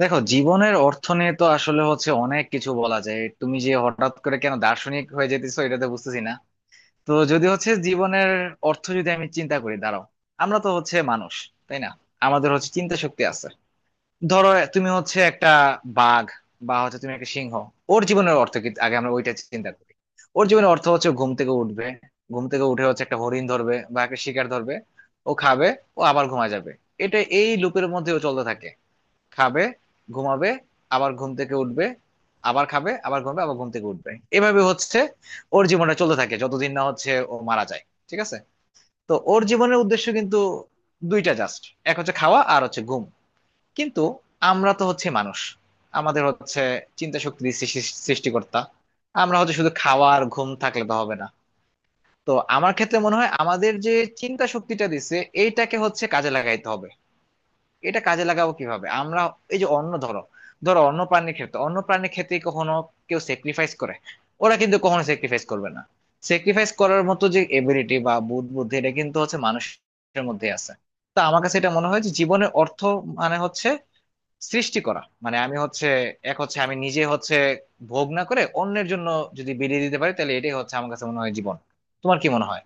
দেখো, জীবনের অর্থ নিয়ে তো আসলে হচ্ছে অনেক কিছু বলা যায়। তুমি যে হঠাৎ করে কেন দার্শনিক হয়ে যেতেছো এটা তো বুঝতেছি না। তো যদি হচ্ছে জীবনের অর্থ যদি আমি চিন্তা করি, দাঁড়াও। আমরা তো হচ্ছে মানুষ, তাই না? আমাদের হচ্ছে চিন্তা শক্তি আছে। ধরো তুমি হচ্ছে একটা বাঘ, বা হচ্ছে তুমি একটা সিংহ। ওর জীবনের অর্থ কি আগে আমরা ওইটা চিন্তা করি। ওর জীবনের অর্থ হচ্ছে ঘুম থেকে উঠবে, ঘুম থেকে উঠে হচ্ছে একটা হরিণ ধরবে বা একটা শিকার ধরবে, ও খাবে, ও আবার ঘুমা যাবে। এটা এই লুপের মধ্যে ও চলতে থাকে। খাবে, ঘুমাবে, আবার ঘুম থেকে উঠবে, আবার খাবে, আবার ঘুমাবে, আবার ঘুম থেকে উঠবে। এভাবে হচ্ছে ওর জীবনটা চলতে থাকে যতদিন না হচ্ছে ও মারা যায়, ঠিক আছে। তো ওর জীবনের উদ্দেশ্য কিন্তু দুইটা জাস্ট, এক হচ্ছে খাওয়া আর হচ্ছে ঘুম। কিন্তু আমরা তো হচ্ছে মানুষ, আমাদের হচ্ছে চিন্তা শক্তির সৃষ্টিকর্তা। আমরা হচ্ছে শুধু খাওয়া আর ঘুম থাকলে তো হবে না। তো আমার ক্ষেত্রে মনে হয় আমাদের যে চিন্তা শক্তিটা দিছে, এইটাকে হচ্ছে কাজে লাগাইতে হবে। এটা কাজে লাগাবো কিভাবে আমরা? এই যে অন্য ধরো, অন্য প্রাণীর ক্ষেত্রে কখনো কেউ স্যাক্রিফাইস করে? ওরা কিন্তু কখনো স্যাক্রিফাইস করবে না। স্যাক্রিফাইস করার মতো যে এবিলিটি বা বুদ্ধি, এটা কিন্তু হচ্ছে মানুষের মধ্যে আছে। তো আমার কাছে এটা মনে হয় যে জীবনের অর্থ মানে হচ্ছে সৃষ্টি করা। মানে আমি হচ্ছে, এক হচ্ছে আমি নিজে হচ্ছে ভোগ না করে অন্যের জন্য যদি বিলিয়ে দিতে পারি, তাহলে এটাই হচ্ছে আমার কাছে মনে হয় জীবন। তোমার কি মনে হয়?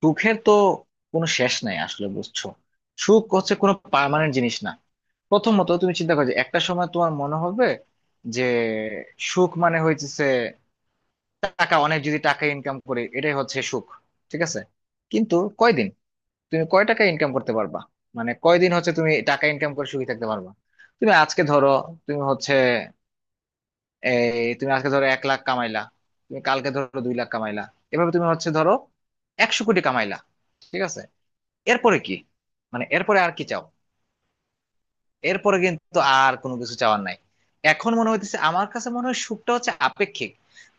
সুখের তো কোনো শেষ নাই আসলে, বুঝছো। সুখ হচ্ছে কোনো পার্মানেন্ট জিনিস না। প্রথমত তুমি চিন্তা করো যে একটা সময় তোমার মনে হবে যে সুখ মানে হইতেছে টাকা, অনেক যদি টাকা ইনকাম করে এটাই হচ্ছে সুখ, ঠিক আছে। কিন্তু কয়দিন, তুমি কয় টাকা ইনকাম করতে পারবা? মানে কয়দিন হচ্ছে তুমি টাকা ইনকাম করে সুখী থাকতে পারবা? তুমি আজকে ধরো, তুমি হচ্ছে, এই তুমি আজকে ধরো 1 লাখ কামাইলা, তুমি কালকে ধরো 2 লাখ কামাইলা, এভাবে তুমি হচ্ছে ধরো 100 কোটি কামাইলা, ঠিক আছে। এরপরে কি? মানে এরপরে আর কি চাও? এরপরে কিন্তু আর কোনো কিছু চাওয়ার নাই। এখন মনে হইতেছে আমার কাছে মনে হয় সুখটা হচ্ছে আপেক্ষিক।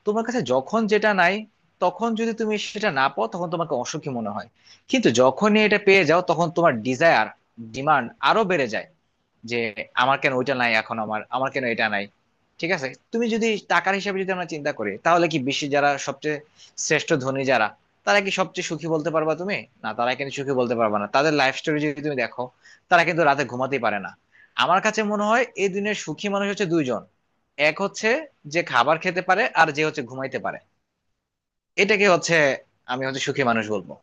তোমার কাছে যখন যেটা নাই, তখন যদি তুমি সেটা না পাও তখন তোমাকে অসুখী মনে হয়। কিন্তু যখনই এটা পেয়ে যাও তখন তোমার ডিজায়ার, ডিমান্ড আরো বেড়ে যায়। যে আমার কেন ওইটা নাই, এখন আমার আমার কেন এটা নাই, ঠিক আছে। তুমি যদি টাকার হিসাবে যদি আমরা চিন্তা করি, তাহলে কি বিশ্বে যারা সবচেয়ে শ্রেষ্ঠ ধনী যারা, তারা কি সবচেয়ে সুখী বলতে পারবা তুমি? না, তারা কিন্তু সুখী বলতে পারবা না। তাদের লাইফ স্টোরি যদি তুমি দেখো, তারা কিন্তু রাতে ঘুমাতেই পারে না। আমার কাছে মনে হয় এই দুনিয়ার সুখী মানুষ হচ্ছে দুইজন। এক হচ্ছে যে খাবার খেতে পারে, আর যে হচ্ছে ঘুমাইতে পারে। এটাকে হচ্ছে আমি হচ্ছে সুখী মানুষ বলবো।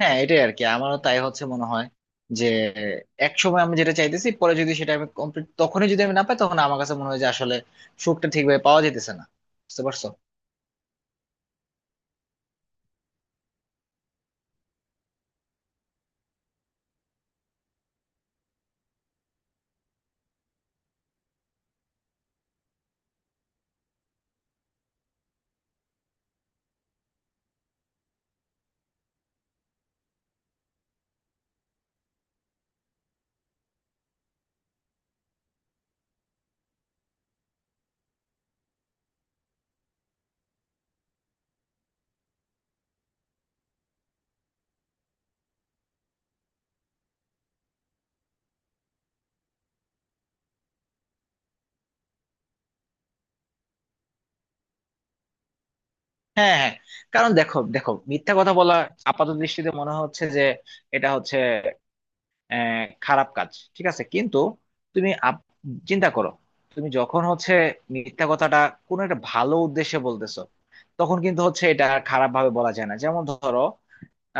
হ্যাঁ এটাই আর কি, আমারও তাই হচ্ছে মনে হয়। যে এক সময় আমি যেটা চাইতেছি পরে যদি সেটা আমি কমপ্লিট, তখনই যদি আমি না পাই, তখন আমার কাছে মনে হয় যে আসলে সুখটা ঠিকভাবে পাওয়া যেতেছে না। বুঝতে পারছো? হ্যাঁ, হ্যাঁ। কারণ দেখো দেখো মিথ্যা কথা বলা আপাত দৃষ্টিতে মনে হচ্ছে যে এটা হচ্ছে খারাপ কাজ, ঠিক আছে। কিন্তু তুমি চিন্তা করো, তুমি যখন হচ্ছে মিথ্যা কথাটা কোনো একটা ভালো উদ্দেশ্যে বলতেছো, তখন কিন্তু হচ্ছে এটা খারাপ ভাবে বলা যায় না। যেমন ধরো,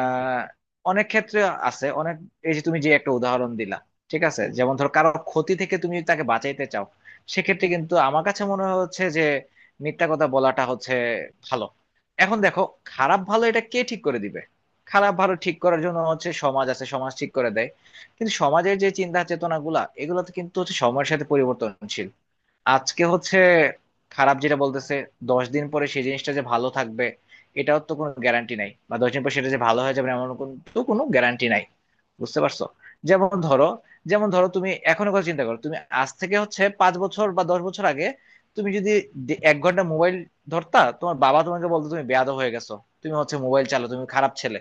আহ অনেক ক্ষেত্রে আছে অনেক, এই যে তুমি যে একটা উদাহরণ দিলা, ঠিক আছে। যেমন ধরো কারো ক্ষতি থেকে তুমি যদি তাকে বাঁচাইতে চাও, সেক্ষেত্রে কিন্তু আমার কাছে মনে হচ্ছে যে মিথ্যা কথা বলাটা হচ্ছে ভালো। এখন দেখো, খারাপ ভালো এটা কে ঠিক করে দিবে? খারাপ ভালো ঠিক করার জন্য হচ্ছে সমাজ আছে, সমাজ ঠিক করে দেয়। কিন্তু সমাজের যে চিন্তা চেতনা গুলা, এগুলো তো কিন্তু হচ্ছে সময়ের সাথে পরিবর্তনশীল। আজকে হচ্ছে খারাপ যেটা বলতেছে, 10 দিন পরে সেই জিনিসটা যে ভালো থাকবে, এটাও তো কোনো গ্যারান্টি নাই, বা 10 দিন পরে সেটা যে ভালো হয়ে যাবে এমন কিন্তু কোনো গ্যারান্টি নাই। বুঝতে পারছো? যেমন ধরো যেমন ধরো তুমি এখনো কথা চিন্তা করো, তুমি আজ থেকে হচ্ছে 5 বছর বা 10 বছর আগে তুমি যদি এক ঘন্টা মোবাইল ধরতা, তোমার বাবা তোমাকে বলতো তুমি বেয়াদব হয়ে গেছো, তুমি হচ্ছে মোবাইল চালাও, তুমি খারাপ ছেলে।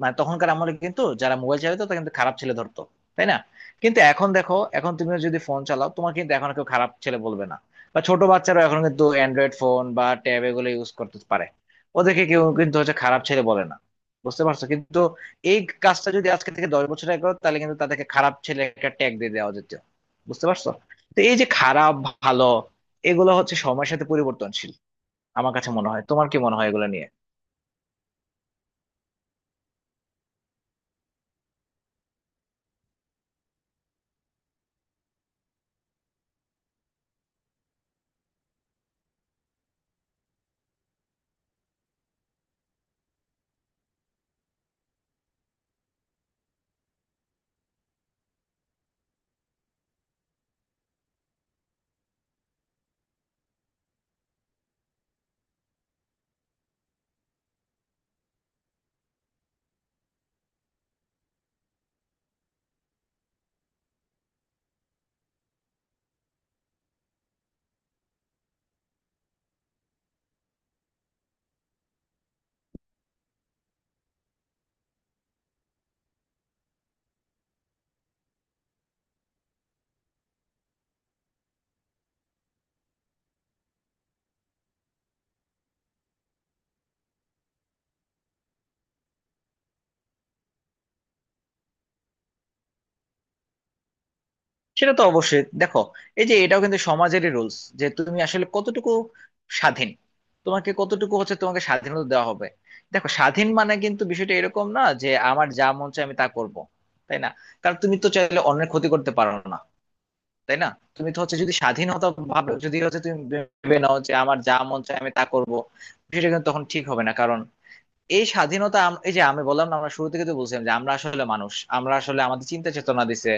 মানে তখনকার আমলে কিন্তু যারা মোবাইল চালাতো তারা কিন্তু খারাপ ছেলে ধরতো, তাই না? কিন্তু এখন দেখো, এখন তুমি যদি ফোন চালাও তোমার কিন্তু এখন কেউ খারাপ ছেলে বলবে না। বা ছোট বাচ্চারা এখন কিন্তু অ্যান্ড্রয়েড ফোন বা ট্যাব এগুলো ইউজ করতে পারে, ওদেরকে কেউ কিন্তু হচ্ছে খারাপ ছেলে বলে না। বুঝতে পারছো? কিন্তু এই কাজটা যদি আজকে থেকে 10 বছর আগে করো, তাহলে কিন্তু তাদেরকে খারাপ ছেলে একটা ট্যাগ দিয়ে দেওয়া যেত। বুঝতে পারছো? তো এই যে খারাপ ভালো, এগুলো হচ্ছে সময়ের সাথে পরিবর্তনশীল। আমার কাছে মনে হয়, তোমার কি মনে হয় এগুলো নিয়ে? সেটা তো অবশ্যই, দেখো, এই যে এটাও কিন্তু সমাজেরই রুলস যে তুমি আসলে কতটুকু স্বাধীন, তোমাকে কতটুকু হচ্ছে তোমাকে স্বাধীনতা দেওয়া হবে। দেখো, স্বাধীন মানে কিন্তু বিষয়টা এরকম না যে আমার যা মন চায় আমি তা করব, তাই না? কারণ তুমি তো চাইলে অন্যের ক্ষতি করতে পারো না, তাই না? তুমি তো হচ্ছে যদি স্বাধীনতা ভাবে যদি হচ্ছে তুমি ভেবে নাও যে আমার যা মন চায় আমি তা করব, বিষয়টা কিন্তু তখন ঠিক হবে না। কারণ এই স্বাধীনতা এই যে আমি বললাম না, আমরা শুরু থেকে তো বলছিলাম যে আমরা আসলে মানুষ, আমরা আসলে আমাদের চিন্তা চেতনা দিছে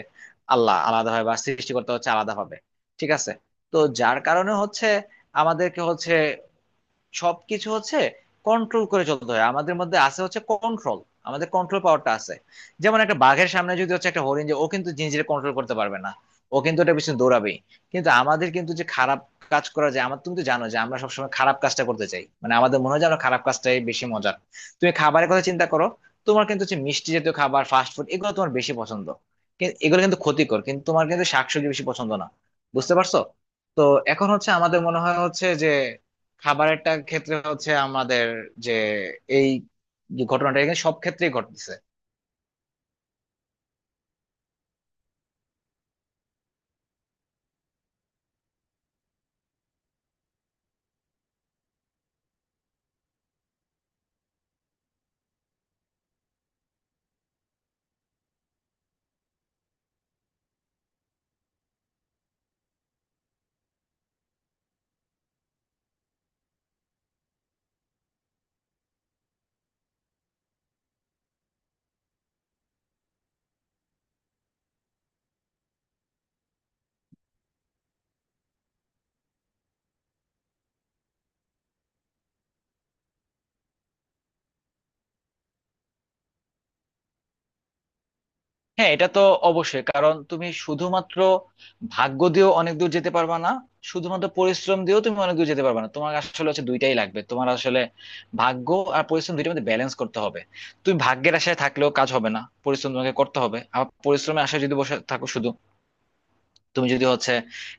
আল্লাহ, আলাদা হয় বা সৃষ্টি করতে হচ্ছে আলাদা হবে, ঠিক আছে। তো যার কারণে হচ্ছে আমাদেরকে হচ্ছে সবকিছু হচ্ছে কন্ট্রোল করে চলতে হয়, আমাদের মধ্যে আছে হচ্ছে কন্ট্রোল, আমাদের কন্ট্রোল পাওয়ারটা আছে। যেমন একটা বাঘের সামনে যদি হচ্ছে একটা হরিণ, যে ও কিন্তু নিজের কন্ট্রোল করতে পারবে না, ও কিন্তু ওটা পিছনে দৌড়াবেই। কিন্তু আমাদের কিন্তু যে খারাপ কাজ করা যায় আমার, তুমি তো জানো যে আমরা সবসময় খারাপ কাজটা করতে চাই, মানে আমাদের মনে হয় যে আমরা খারাপ কাজটাই বেশি মজার। তুমি খাবারের কথা চিন্তা করো, তোমার কিন্তু হচ্ছে মিষ্টি জাতীয় খাবার, ফাস্ট ফুড এগুলো তোমার বেশি পছন্দ। এগুলো কিন্তু ক্ষতিকর, কিন্তু তোমার কিন্তু শাকসবজি বেশি পছন্দ না। বুঝতে পারছো? তো এখন হচ্ছে আমাদের মনে হয় হচ্ছে যে খাবারেরটা ক্ষেত্রে হচ্ছে আমাদের, যে এই যে ঘটনাটা এখানে সব ক্ষেত্রেই ঘটতেছে। হ্যাঁ এটা তো অবশ্যই, কারণ তুমি শুধুমাত্র ভাগ্য দিয়েও অনেক দূর যেতে পারবা না, শুধুমাত্র পরিশ্রম দিয়েও তুমি অনেক দূর যেতে পারবা না, তোমার আসলে হচ্ছে দুইটাই লাগবে। তোমার আসলে ভাগ্য আর পরিশ্রম দুইটার মধ্যে ব্যালেন্স করতে হবে। তুমি ভাগ্যের আশায় থাকলেও কাজ হবে না, পরিশ্রম তোমাকে করতে হবে। আবার পরিশ্রমের আশায় যদি বসে থাকো, তুমি যদি হচ্ছে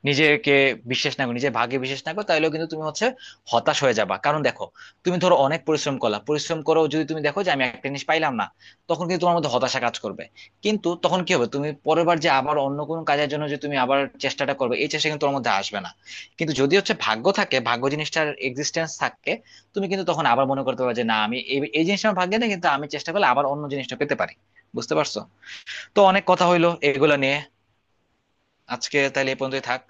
নিজেকে বিশ্বাস না করো, নিজে ভাগে বিশ্বাস না করো, তাহলেও কিন্তু তুমি হচ্ছে হতাশ হয়ে যাবা। কারণ দেখো, তুমি ধরো অনেক পরিশ্রম করলা, পরিশ্রম করো যদি তুমি দেখো যে আমি একটা জিনিস পাইলাম না, তখন কিন্তু তোমার মধ্যে হতাশা কাজ করবে। কিন্তু তখন কি হবে, তুমি পরের বার যে আবার অন্য কোনো কাজের জন্য যে তুমি আবার চেষ্টাটা করবে, এই চেষ্টা কিন্তু তোমার মধ্যে আসবে না। কিন্তু যদি হচ্ছে ভাগ্য থাকে, ভাগ্য জিনিসটার এক্সিস্টেন্স থাকে, তুমি কিন্তু তখন আবার মনে করতে পারবে যে না, আমি এই এই জিনিসটা আমার ভাগ্যে নেই, কিন্তু আমি চেষ্টা করলে আবার অন্য জিনিসটা পেতে পারি। বুঝতে পারছো? তো অনেক কথা হইলো এগুলো নিয়ে। আজকে তাহলে এ পর্যন্তই থাক।